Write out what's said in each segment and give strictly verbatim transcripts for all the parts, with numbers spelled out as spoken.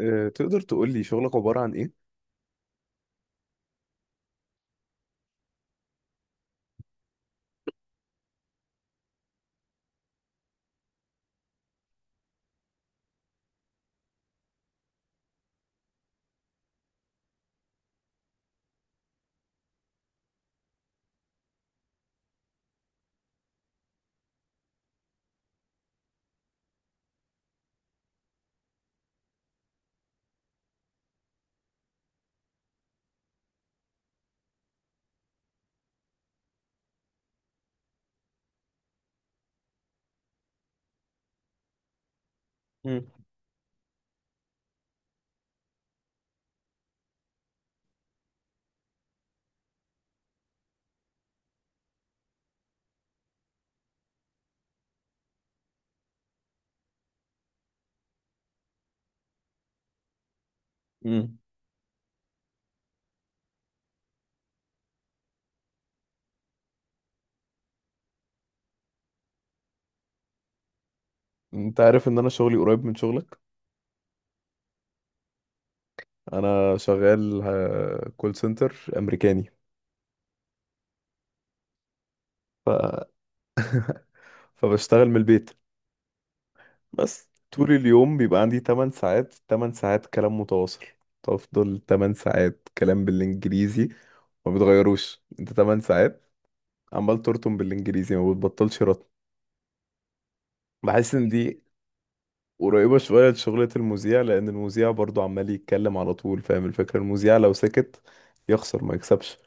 آه، تقدر تقول لي شغلك عبارة عن ايه؟ مم. مم. انت عارف ان انا شغلي قريب من شغلك. انا شغال كول سنتر امريكاني. ف... فبشتغل من البيت. بس طول اليوم بيبقى عندي ثماني ساعات، ثماني ساعات كلام متواصل. تفضل ثماني ساعات كلام بالانجليزي، ما بتغيروش انت، ثماني ساعات عمال ترطم بالانجليزي، ما بتبطلش رطم. بحس ان دي قريبة شوية لشغلة المذيع، لأن المذيع برضو عمال يتكلم على طول. فاهم الفكرة؟ المذيع لو سكت يخسر ما يكسبش.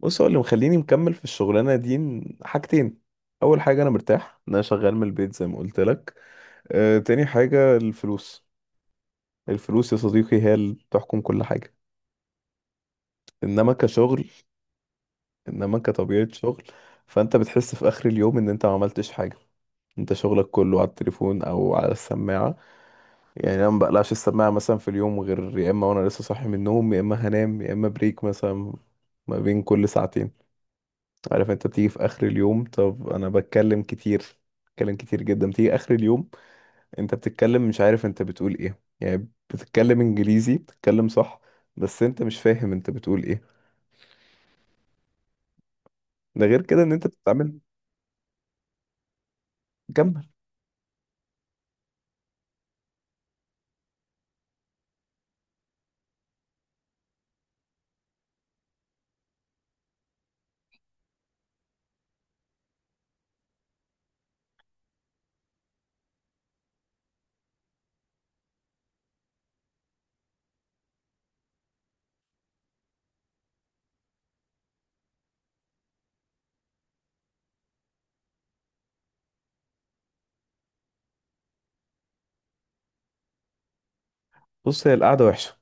بص، هو اللي مخليني مكمل في الشغلانة دي إن- حاجتين. أول حاجة، أنا مرتاح إن أنا شغال من البيت زي ما قلت لك. آه، تاني حاجة الفلوس. الفلوس يا صديقي هي اللي بتحكم كل حاجة. إنما كشغل، إنما كطبيعة شغل، فأنت بتحس في آخر اليوم إن أنت ما عملتش حاجة. أنت شغلك كله على التليفون أو على السماعة. يعني انا ما بقلعش السماعه مثلا في اليوم، غير يا اما وانا لسه صاحي من النوم، يا اما هنام، يا اما بريك مثلا ما بين كل ساعتين. عارف انت بتيجي في اخر اليوم؟ طب انا بتكلم كتير، بتكلم كتير جدا. بتيجي اخر اليوم انت بتتكلم مش عارف انت بتقول ايه. يعني بتتكلم انجليزي، بتتكلم صح، بس انت مش فاهم انت بتقول ايه. ده غير كده ان انت بتتعامل. كمل. بص، هي القعده وحشه.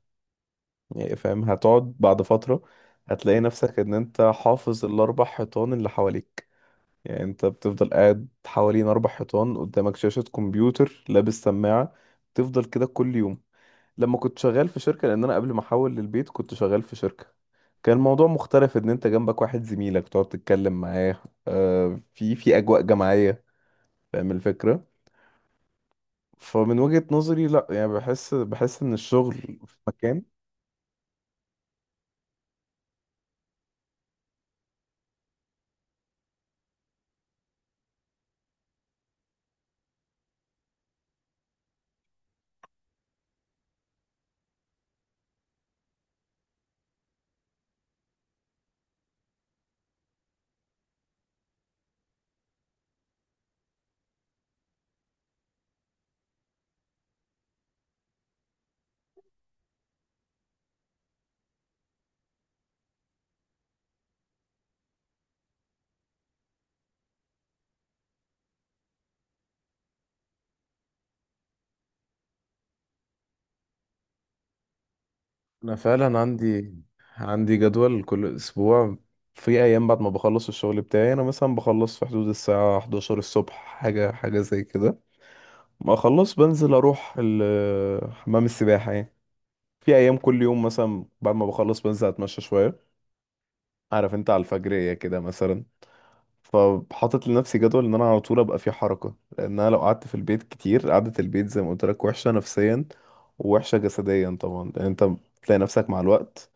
يعني فاهم، هتقعد بعد فتره هتلاقي نفسك ان انت حافظ الاربع حيطان اللي حواليك. يعني انت بتفضل قاعد حوالين اربع حيطان، قدامك شاشة كمبيوتر، لابس سماعة، تفضل كده كل يوم. لما كنت شغال في شركة، لان انا قبل ما احول للبيت كنت شغال في شركة، كان الموضوع مختلف، ان انت جنبك واحد زميلك تقعد تتكلم معاه. آه في في اجواء جماعية. فاهم الفكرة؟ فمن وجهة نظري لا. يعني بحس بحس ان الشغل في مكان. انا فعلا عندي، عندي جدول كل اسبوع. في ايام بعد ما بخلص الشغل بتاعي انا مثلا بخلص في حدود الساعة الحداشر الصبح، حاجة حاجة زي كده، ما اخلص بنزل اروح ال- حمام السباحة يعني. في ايام كل يوم مثلا بعد ما بخلص بنزل اتمشى شوية، عارف انت، على الفجرية كده مثلا. فحاطط لنفسي جدول ان انا على طول ابقى في حركة، لان انا لو قعدت في البيت كتير، قعدة البيت زي ما قلت لك وحشة نفسيا ووحشة جسديا طبعا. لان انت بتلاقي نفسك مع الوقت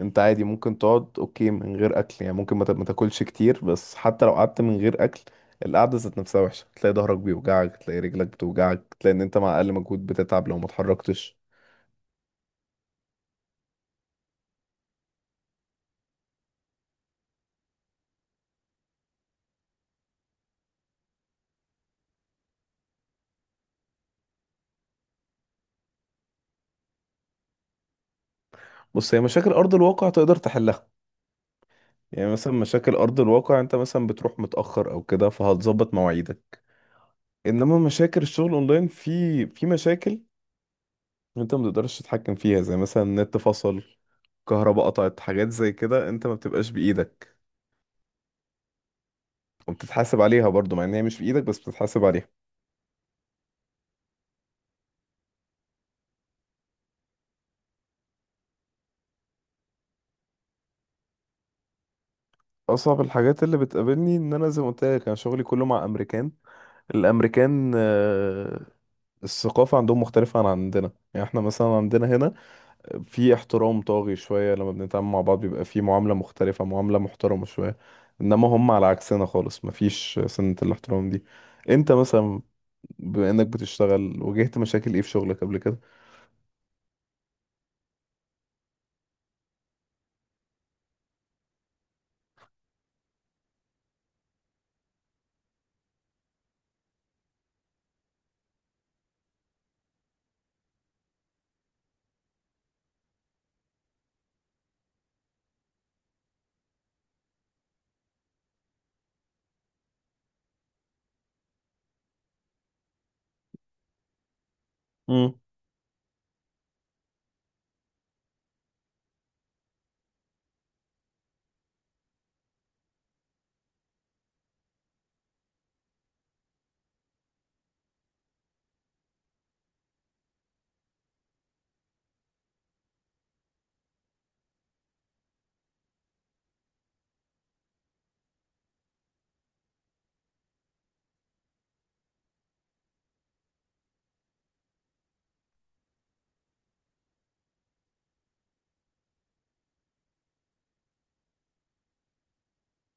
انت عادي ممكن تقعد، اوكي من غير اكل، يعني ممكن ما تا- ما تاكلش كتير. بس حتى لو قعدت من غير اكل، القعده ذات نفسها وحشه. تلاقي ظهرك بيوجعك، تلاقي رجلك بتوجعك، تلاقي ان انت مع اقل مجهود بتتعب لو ما اتحركتش. بص، هي مشاكل ارض الواقع تقدر تحلها. يعني مثلا مشاكل ارض الواقع انت مثلا بتروح متاخر او كده، فهتظبط مواعيدك. انما مشاكل الشغل اونلاين في في مشاكل انت ما تقدرش تتحكم فيها، زي مثلا النت فصل، كهرباء قطعت، حاجات زي كده انت ما بتبقاش بايدك، وبتتحاسب عليها برضو مع ان هي مش في ايدك، بس بتتحاسب عليها. اصعب الحاجات اللي بتقابلني ان انا زي ما قلت لك، انا شغلي كله مع امريكان. الامريكان، آه، الثقافة عندهم مختلفة عن عندنا. يعني احنا مثلا عندنا هنا في احترام طاغي شوية، لما بنتعامل مع بعض بيبقى في معاملة مختلفة، معاملة محترمة شوية، انما هم على عكسنا خالص، مفيش سنة الاحترام دي. انت مثلا بما انك بتشتغل، واجهت مشاكل ايه في شغلك قبل كده؟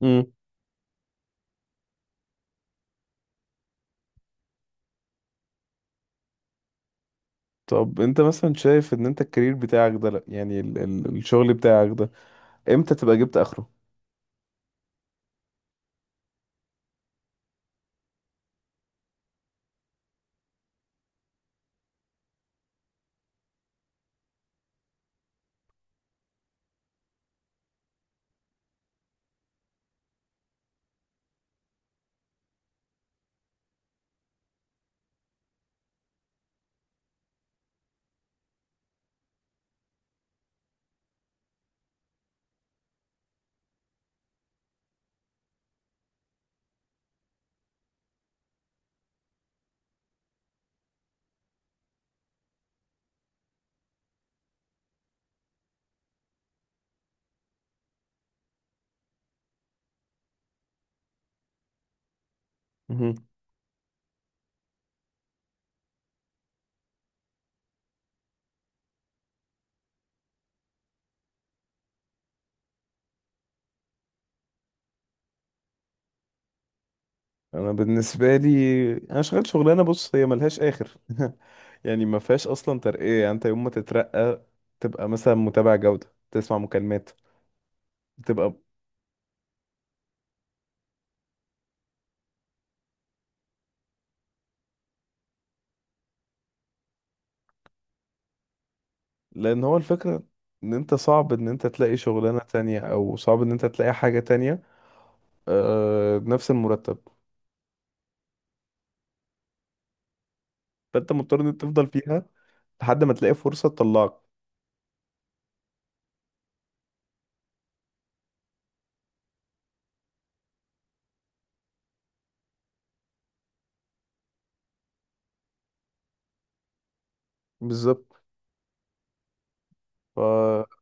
امم. طب انت مثلا شايف ان انت الكارير بتاعك ده، لا يعني ال ال الشغل بتاعك ده، امتى تبقى جبت اخره؟ مهم. انا بالنسبه لي، انا شغال شغلانه، بص هي ملهاش اخر يعني ما فيهاش اصلا ترقيه. يعني انت يوم ما تترقى تبقى مثلا متابع جوده، تسمع مكالمات، تبقى. لان هو الفكره ان انت صعب ان انت تلاقي شغلانه تانية، او صعب ان انت تلاقي حاجه تانية آه، بنفس المرتب. فانت مضطر ان انت تفضل فيها لحد ما تلاقي فرصه تطلعك. بالظبط. ف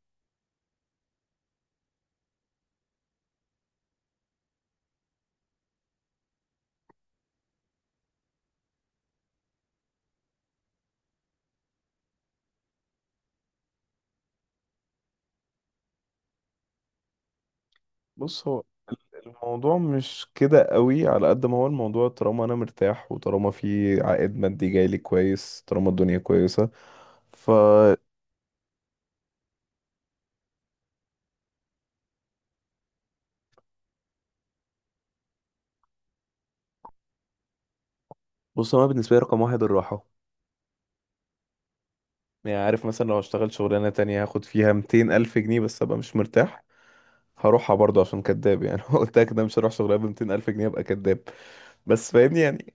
بص، هو الموضوع مش كده قوي. على قد ما هو الموضوع، طالما انا مرتاح وطالما في عائد مادي جايلي كويس، طالما الدنيا كويسة. ف بص، انا بالنسبة لي رقم واحد الراحة. يعني عارف مثلا لو هشتغل شغلانة تانية هاخد فيها مئتين ألف جنيه بس أبقى مش مرتاح، هروحها برضه عشان كداب. يعني قلت لك ده مش هروح شغلانة ب مئتين ألف جنيه أبقى كداب. بس فاهمني يعني.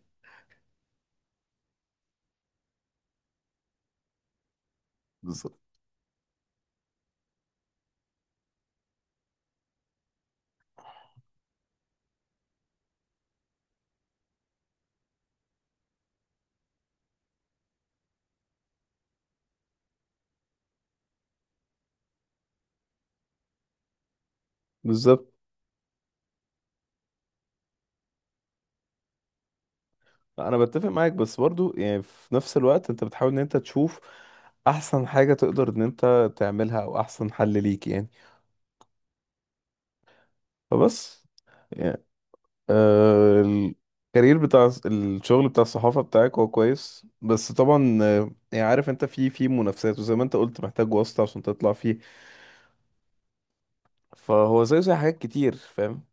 بالظبط. بالظبط. أنا بتفق معاك، بس برضه يعني في نفس الوقت أنت بتحاول إن أنت تشوف أحسن حاجة تقدر إن أنت تعملها، أو أحسن حل ليك يعني. فبس يعني، آه الكارير بتاع الشغل بتاع الصحافة بتاعك هو كويس، بس طبعا، آه، يعني عارف انت في في منافسات، وزي ما انت قلت محتاج واسطة عشان تطلع فيه. فهو زي زي حاجات كتير فاهم.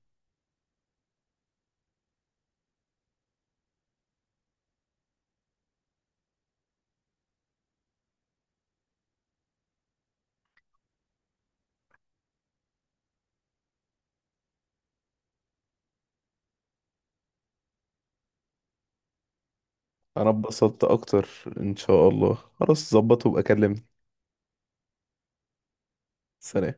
انا اتبسطت اكتر. ان شاء الله خلاص ظبط، وابقى كلمني. سلام.